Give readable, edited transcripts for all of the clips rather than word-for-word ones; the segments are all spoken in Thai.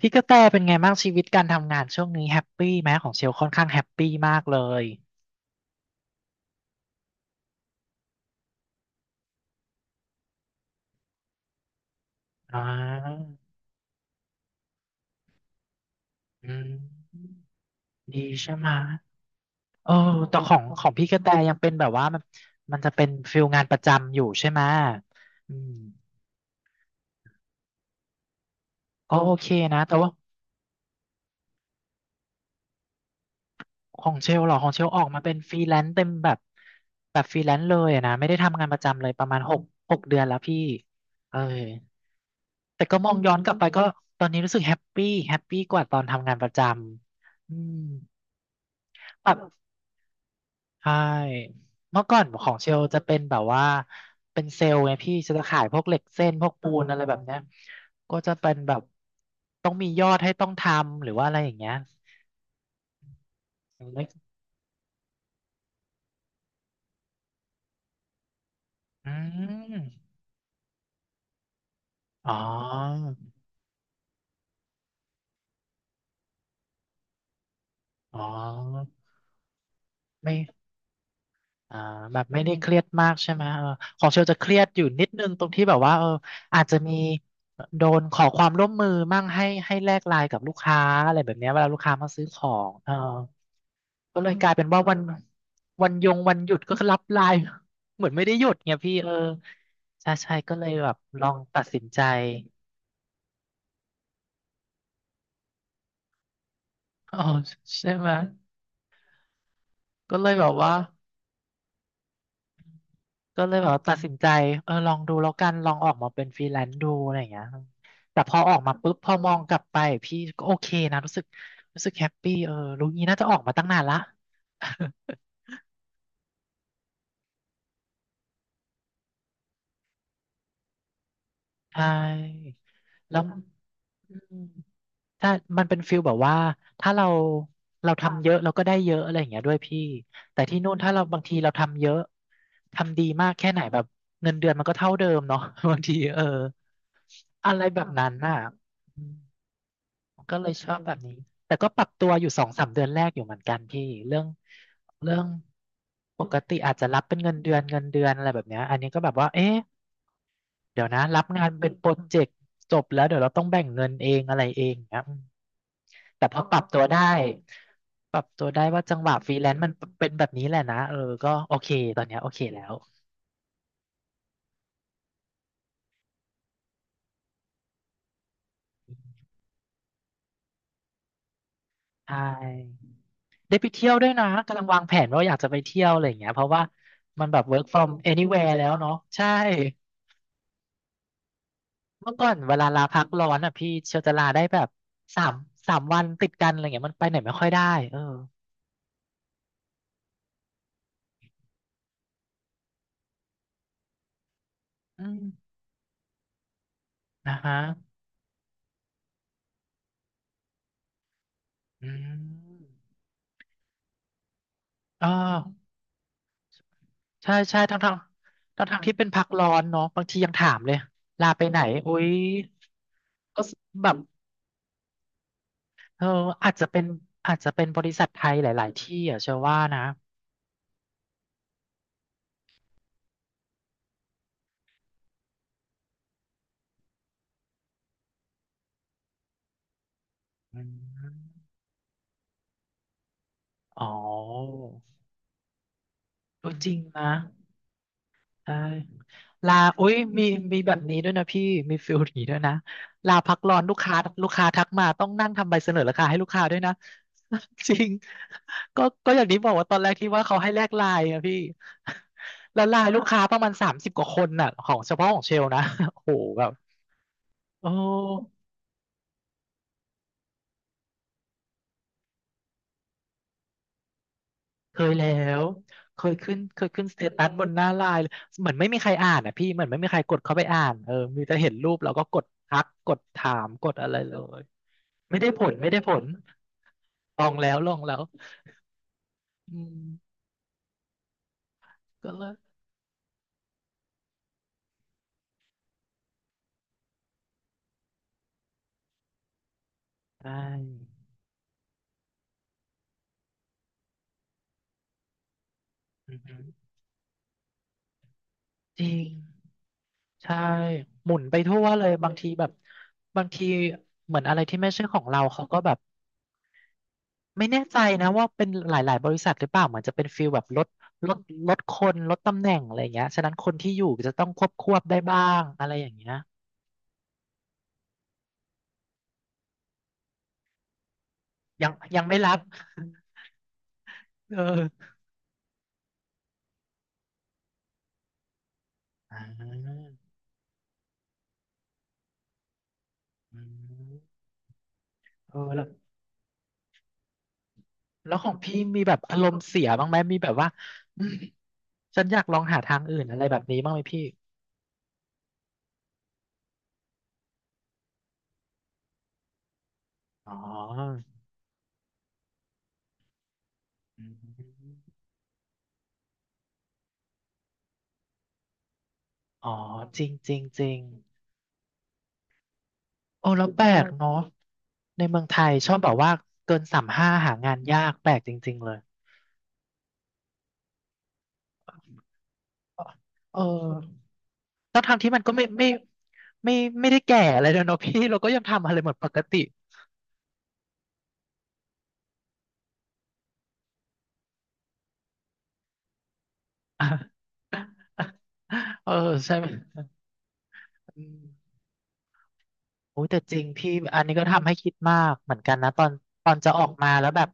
พี่กระแตเป็นไงบ้างชีวิตการทำงานช่วงนี้แฮปปี้ไหมของเชลค่อนข้างแฮปปี้มากเลยอ่าอืมดีใช่ไหมเออแต่ของพี่กระแตยังเป็นแบบว่ามันจะเป็นฟิลงานประจำอยู่ใช่ไหมอืมก็โอเคนะแต่ว่าของเชลเหรอของเชลออกมาเป็นฟรีแลนซ์เต็มแบบแบบฟรีแลนซ์เลยอะนะไม่ได้ทำงานประจำเลยประมาณหกเดือนแล้วพี่เออ แต่ก็มองย้อนกลับไปก็ตอนนี้รู้สึกแฮปปี้แฮปปี้กว่าตอนทำงานประจำอืมแบบใช่เมื่อก่อนของเชลจะเป็นแบบว่าเป็นเซลล์ไงพี่จะขายพวกเหล็กเส้นพวกปูนอะไรแบบเนี้ยก็จะเป็นแบบต้องมียอดให้ต้องทำหรือว่าอะไรอย่างเงี้ยอืมอ๋ออ๋อไม่ อ่าแบบไม่ได้เครียดมากใช่ไหมเออของเชลจะเครียดอยู่นิดนึงตรงที่แบบว่าอาจจะมีโดนขอความร่วมมือมั่งให้แลกไลน์กับลูกค้าอะไรแบบเนี้ยเวลาลูกค้ามาซื้อของเออก็เลยกลายเป็นว่าวันหยุดก็รับไลน์ เหมือนไม่ได้หยุดไงพี่เออใช่ใช่ก็เลยแบบลองตัดสินใจ อ๋อใช่ไหมก็เลยแบบว่า ก็เลยแบบว่าตัดสินใจเออลองดูแล้วกันลองออกมาเป็นฟรีแลนซ์ดูอะไรอย่างเงี้ยแต่พอออกมาปุ๊บพอมองกลับไปพี่ก็โอเคนะรู้สึกแฮปปี้เออรู้งี้น่าจะออกมาตั้งนานละ ใช่แล้วอืมถ้ามันเป็นฟิลแบบว่าถ้าเราทำค่ะเยอะเราก็ได้เยอะอะไรอย่างเงี้ยด้วยพี่แต่ที่นู่นถ้าเราบางทีเราทำเยอะทำดีมากแค่ไหนแบบเงินเดือนมันก็เท่าเดิมเนาะ บางทีเอออะไรแบบค่ะนั้นน่ะอืม ก็เลยชอบแบบนี้ แต่ก็ปรับตัวอยู่สองสามเดือนแรกอยู่เหมือนกันพี่เรื่องเรื่องปกติอาจจะรับเป็นเงินเดือนอะไรแบบเนี้ยอันนี้ก็แบบว่า เอ๊ะเดี๋ยวนะรับงานเป็นโปรเจกต์จบแล้วเดี๋ยวเราต้องแบ่งเงินเองอะไรเองเงี้ยอืมแต่พอออปรับตัวได้ว่าจังหวะฟรีแลนซ์มันเป็นแบบนี้แหละนะเออก็โอเคตอนเนี้ยโอเคแล้วใช่ได้ไปเที่ยวด้วยนะกำลังวางแผนว่าอยากจะไปเที่ยวอะไรอย่างเงี้ยเพราะว่ามันแบบ work from anywhere แล้วเนาะใช่ เมื่อก่อนเวลาลาพักร้อนอ่ะพี่เชียวจะลาได้แบบสามสามวันติดกันอะไรเงี้ยมันไปไหนไม่ค่อยได้เอออืมนะฮะอืมเออใช่ใช่ทั้งที่เป็นพักร้อนเนาะบางทียังถามเลยลาไปไหนอุ๊ยก็แบบเอออาจจะเป็นอาจจะเป็นบริษัทไทยหลายๆที่อ่ะเชื่อว่านะอืมอ๋อเออจริงนะ ใช่ลาอุ้ยมีแบบนี้ด้วยนะพี่มีฟิลนี้ด้วยนะลาพักร้อนลูกค้าลูกค้าทักมาต้องนั่งทำใบเสนอราคาให้ลูกค้าด้วยนะ จริงก็อย่างนี้บอกว่าตอนแรกที่ว่าเขาให้แลกไลน์นะพี่ แล้วไลน์ลูกค้าประมาณ30กว่าคนน่ะของเฉพาะของเชลนะ โอ้โหแบบโอ้เคยแล้วเคยขึ้นสเตตัสบนหน้าไลน์เลยเหมือนไม่มีใครอ่านอ่ะพี่เหมือนไม่มีใครกดเข้าไปอ่านเออมีแต่เห็นรูปแล้วก็กดทักกดถามกดอะไรเลย ไม่ได้ผลลองแล้วอืมก็เลิกใช่อือฮึจริงใช่หมุนไปทั่วเลยบางทีแบบบางทีเหมือนอะไรที่ไม่ใช่ของเราเขาก็แบบไม่แน่ใจนะว่าเป็นหลายๆบริษัทหรือเปล่าเหมือนจะเป็นฟีลแบบลดลดคนลดตำแหน่งอะไรอย่างเงี้ยฉะนั้นคนที่อยู่จะต้องควบได้บ้างอะไรอย่างเงี้ยยังไม่รับเอออ่าอืมเออแล้ว แล้วของพี่มีแบบอารมณ์เสียบ้างไหมมีแบบว่าอืมฉันอยากลองหาทางอื่นอะไรแบบนี้บ้างไหมพี่ อ๋ออืมอ๋อจริงจริงจริงโอ้แล้วแปลกเนาะในเมืองไทยชอบแบบว่าเกิน35หางานยากแปลกจริงๆเลยเออแล้วทางที่มันก็ไม่ไม่ได้แก่อะไรเลยเนาะพี่เราก็ยังทำอะไรเหมือนปกติ เออใช่ไหม โอ้ยแต่จริงพี่อันนี้ก็ทำให้คิดมากเหมือนกันนะตอนจะออกมาแล้วแบบ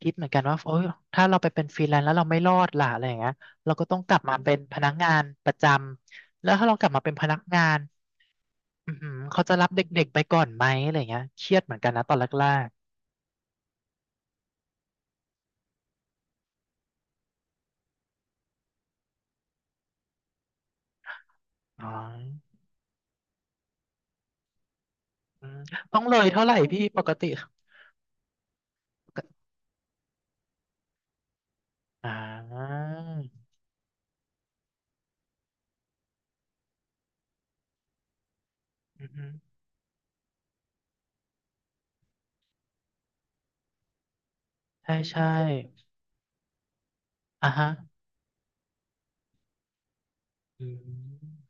คิดเหมือนกันว่าโอ้ยถ้าเราไปเป็นฟรีแลนซ์แล้วเราไม่รอดล่ะอะไรอย่างเงี้ยเราก็ต้องกลับมาเป็นพนักงานประจำแล้วถ้าเรากลับมาเป็นพนักงานอือหือเขาจะรับเด็กๆไปก่อนไหมอะไรอย่างเงี้ยเครียดเหมือนกันนะตอนแรกๆอ๋ออืมต้องเลยเท่าไหร่พี่ปกติอ่าอือหือใช่ใช่อ่ะฮะอืม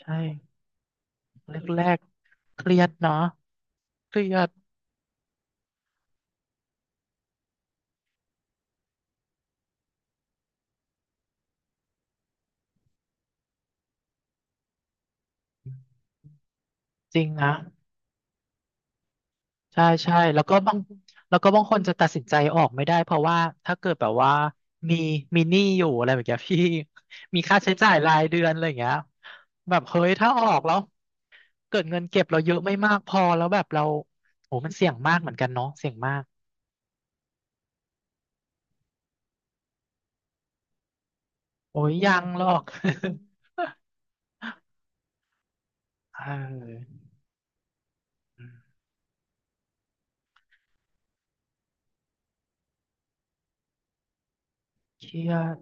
ใช่แรกๆเครียดเนาะเครียด จริงนะใช่ใช่แล้วก็บางคนจะตัดสินใจออกไม่ได้เพราะว่าถ้าเกิดแบบว่ามีมีหนี้อยู่อะไรแบบเนี้ยพี่ มีค่าใช้จ่ายรายเดือนอะไรอย่างเงี้ยแบบเฮ้ยถ้าออกแล้วเกิดเงินเก็บเราเยอะไม่มากพอแล้วแบบเราโอ้มันเสี่ยงมากเหมือนกันเนาะเสี่ยงมากโอ้ยยังหรอก เออเครียด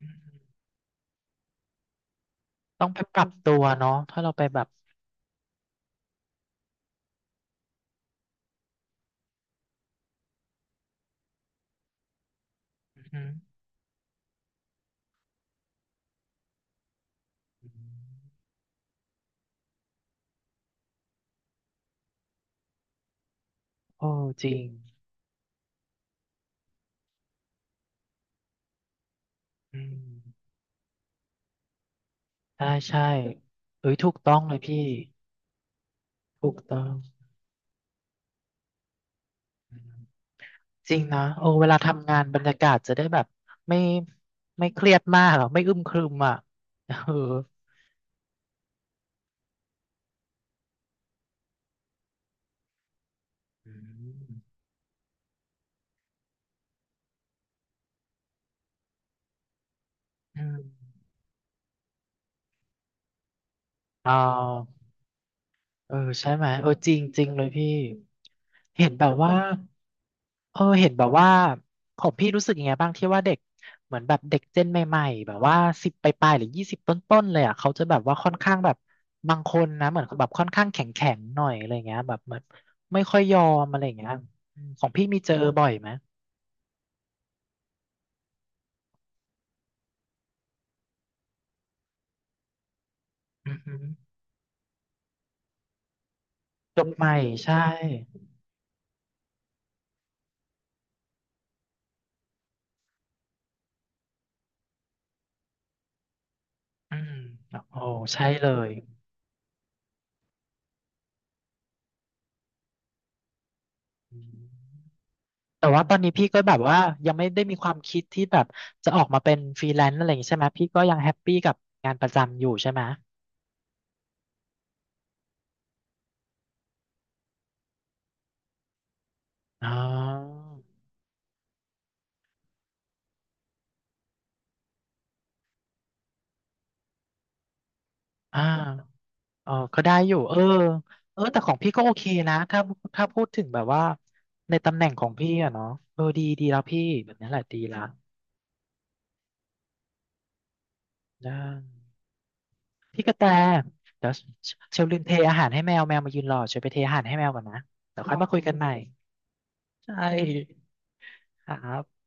อืมต้องไปปรับตัวเนาะถ้าเราไปแบบอือหือโอ้จริงอืม ใช่ใช่เอ้ยถูกต้องเลยพี่ถูกต้องจริงนะโอ้เวลาทำงานบรรยากาศจะได้แบบไม่ไม่เครียดมากหรอไม่อึมครึมอ่ะเอออืมอืมอ่าเออใช่ไหมเออจริงจริงเลยพี่เห็นแบบว่า เออเห็นแบบว่าของพี่รู้สึกยังไงบ้างที่ว่าเด็กเหมือนแบบเด็กเจนใหม่ๆแบบว่าสิบปลายๆหรือยี่สิบต้นๆเลยอ่ะเขาจะแบบว่าค่อนข้างแบบบางคนนะเหมือนแบบค่อนข้างแข็งๆหน่อยอะไรเงี้ยแบบเหมือนไม่ค่อยยอมอะไรเงี้ยอืมของพี่มีเจอบ่อยไหมอือหือจบใหม่ใช่ อืมโอ้ใช่เลยอืมแต่ว่าตอนนี้พี่ก็แบบว่ายังไม่ได้มีความคิดที่แบบจะออกมาเป็นฟรีแลนซ์อะไรอย่างงี้ใช่ไหมพี่ก็ยังแฮปปี้กับงานประจำอยู่ใช่ไหม อ๋ออ่าเออก็ได้อยู่เออเออแต่ของพี่ก็โอเคนะ ถ้าพูดถึงแบบว่าในตำแหน่งของพี่อะเนาะเออดีแล้วพี่แบบนี้แหละดีละได้พี่กระแตเดี๋ยวเชลลืมเทอาหารให้แมว แมวมายืนรอเชลไปเทอาหารให้แมวก่อนนะเดี๋ยวค่อยมาคุยกันใหม่ ใช่ครับ